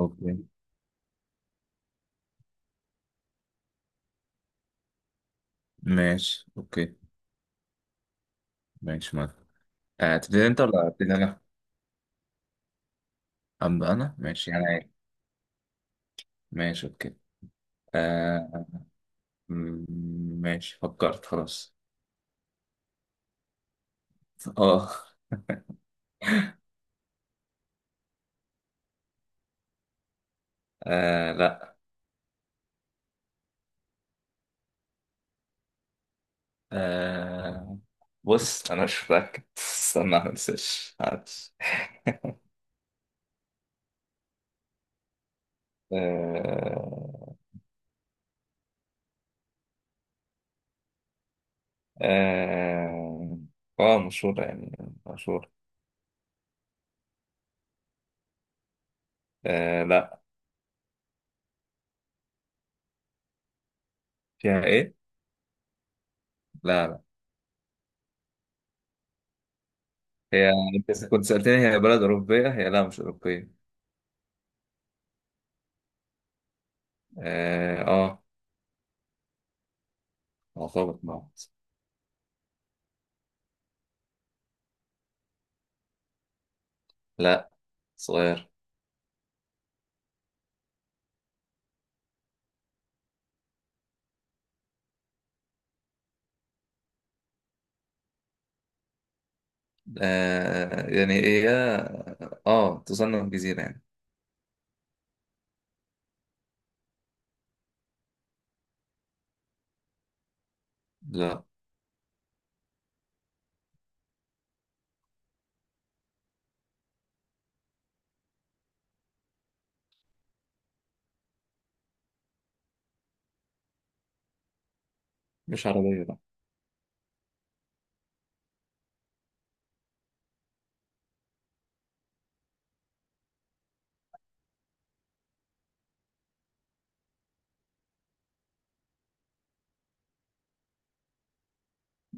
اوكي. ماشي اوكي. ماشي ما تبتدي انت ولا ابتدي انا؟ ابدا انا ماشي يعني. ماشي اوكي. آه م- ماشي فكرت خلاص. اه. لا. آه، بص انا مش متأكد، استنى ما انساش، معلش. آه. آه. مشهورة يعني، مشهورة. آه لا. فيها إيه؟ لا لا، هي أنت كنت سألتني هي بلد أوروبية، هي لا مش أوروبية. آه. مرتبط بعض. لا، صغير. آه يعني هي اه تصنف جزيرة يعني. لا، مش عربية لا.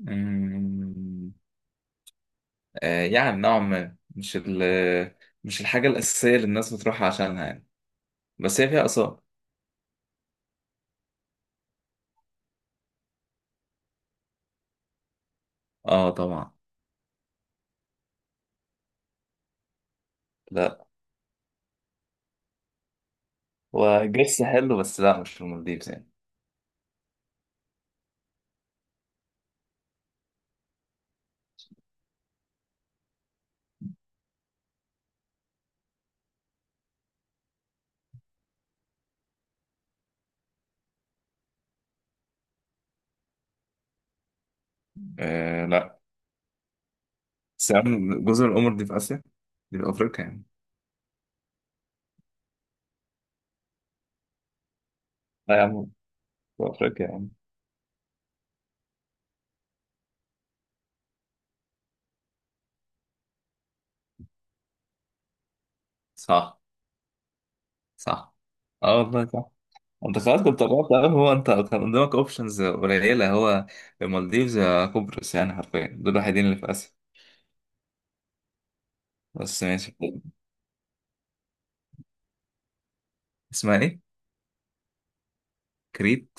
مم، آه يعني نوعا ما، مش الحاجة الأساسية اللي الناس بتروحها عشانها يعني، بس هي فيها آثار. اه طبعا. لا، هو جيش حلو بس لا مش في المالديفز يعني. آه لا. بس يا عم جزر القمر دي في آسيا؟ دي في أفريقيا يعني. لا يا عم، في أفريقيا يعني. صح. صح. اه والله صح. انت خلاص كنت قربت قوي، هو انت كان قدامك اوبشنز قليله. هو المالديفز يا قبرص، يعني حرفيا دول الوحيدين اللي في اسيا. بس ماشي. اسمها ايه؟ كريت.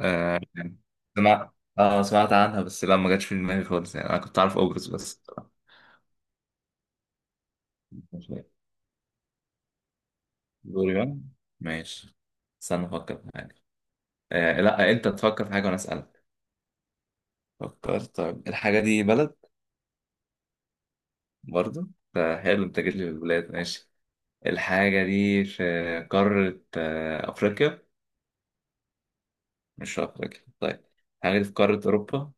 آه يعني سمعت عنها، بس لا ما جاتش في دماغي خالص يعني، انا كنت عارف قبرص بس. ماشي. دوري بقى. ماشي. استنى افكر في حاجه. آه لا، انت تفكر في حاجه وانا اسالك. فكرت؟ طيب الحاجه دي بلد برضه. ده حلو، انت جيت لي في البلاد. ماشي. الحاجه دي في قاره افريقيا؟ مش أفريقيا طيب. الحاجة دي في قارة أوروبا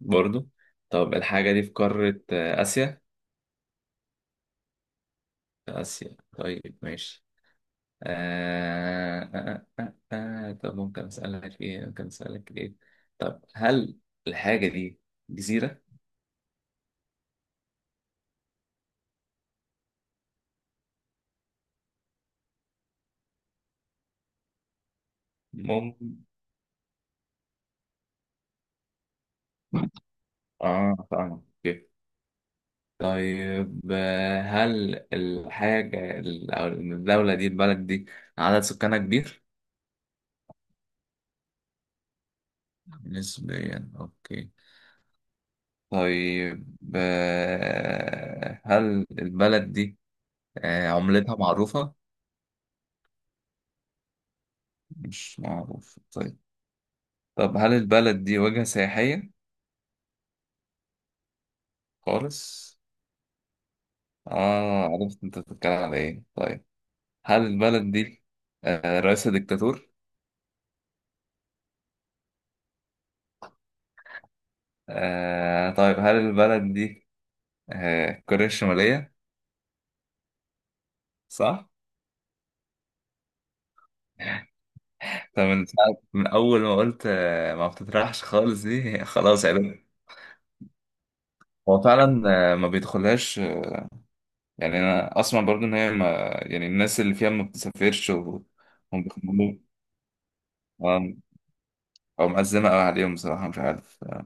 برضو؟ طب الحاجة دي في قارة آسيا؟ آسيا طيب ماشي. طب ممكن أسألك في إيه ممكن أسألك في إيه طب هل الحاجة دي جزيرة؟ ممكن. آه فاهم. أوكي. طيب، هل الحاجة ال- أو الدولة دي البلد دي عدد سكانها كبير؟ نسبيا أوكي. طيب هل البلد دي عملتها معروفة؟ مش معروف طيب. طب هل البلد دي وجهة سياحية؟ خالص؟ آه عرفت أنت بتتكلم على إيه طيب. هل البلد دي رئيسها ديكتاتور؟ آه طيب، هل البلد دي كوريا الشمالية؟ صح؟ طب من أول ما قلت ما بتطرحش خالص دي خلاص عرفت. هو فعلا ما بيدخلهاش يعني، انا اسمع برضو ان هي ما، يعني الناس اللي فيها ما بتسافرش وهم بيخمموا. آه، او معزمه قوي عليهم بصراحه، مش عارف. آه.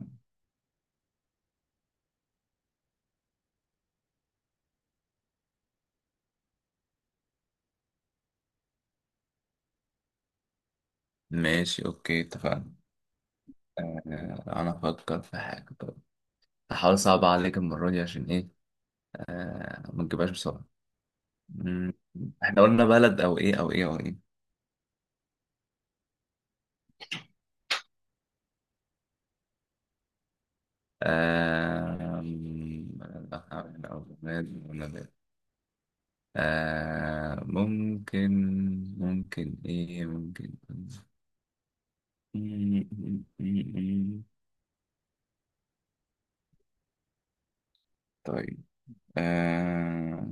ماشي اوكي اتفقنا. آه، انا افكر في حاجه. طب هحاول اصعب عليك المره دي، عشان ايه ما تجيبهاش بسرعه. مم، احنا قلنا بلد او ايه او ايه او ايه؟ آه، مم، أو بلاد أو نبات. آه، ممكن. ممكن ايه ممكن. مم، مم، مم، مم. طيب. آه...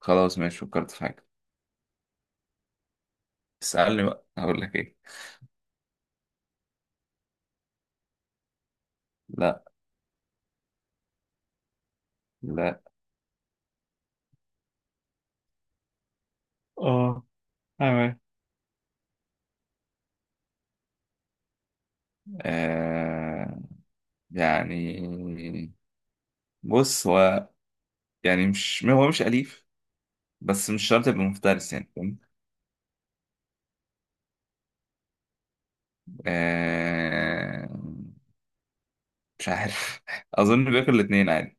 خلاص ماشي فكرت في حاجة. اسألني بقى هقول لك ايه. لا. لا. اه تمام. آه... يعني بص هو، يعني مش، هو مش أليف، بس مش شرط يبقى مفترس، يعني فاهم؟ آه... مش عارف أظن بياكل الاتنين عادي.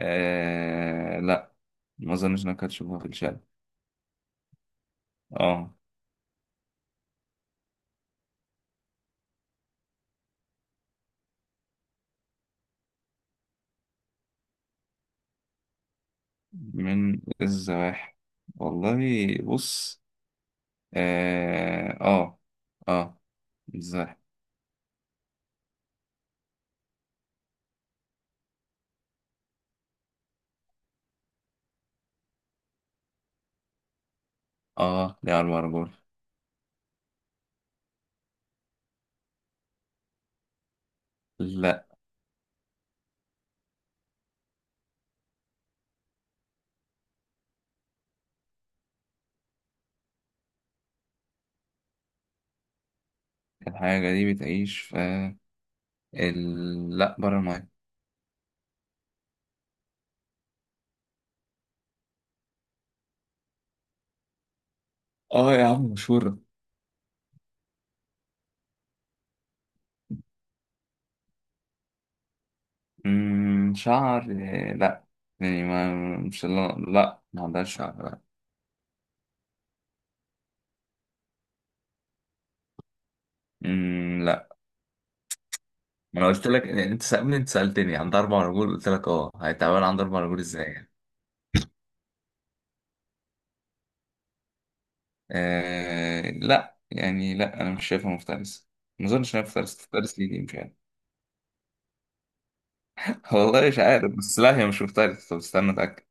لا، ما أظنش إنك هتشوفها في الشارع. اه، من الزواحف. والله، بص. آه آه آه. الزواحف. آه دي على البرجول. لا. الحاجة دي بتعيش في لا، برا الماية. آه يا عم مشهورة. مم، شعر آه، لا يعني ما عندهاش شعر لا. مم، لا. ما انا قلت لك، انت سألني، انت سألتني عندها اربع رجول قلت لك اه، هيتعمل عندها اربع رجول ازاي يعني؟ آه لا يعني، لا انا مش شايفها مفترسه، ما اظنش انها مفترسه، تفترس ليه دي، مش عارف. والله مش عارف، بس لا هي مش مفترسه، طب استنى اتاكد.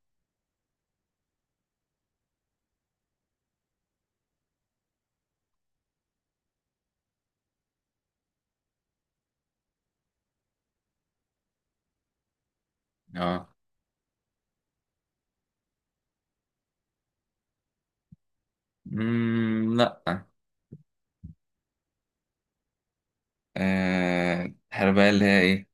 اه. مم لا. آه الحرباية اللي هي ايه؟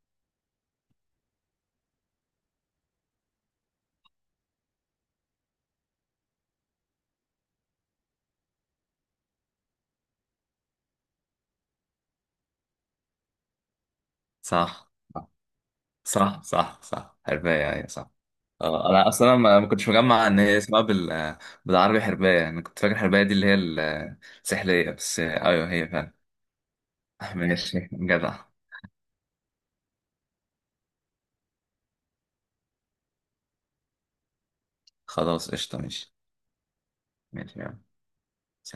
صح صح حرباية أيوة صح. اه انا اصلا ما كنتش مجمع ان هي اسمها بالعربي حربايه، انا كنت فاكر حربايه دي اللي هي السحليه، بس آه، ايوه هي فعلا. آه، ماشي جدع. خلاص قشطه ماشي. ماشي يلا. سلام.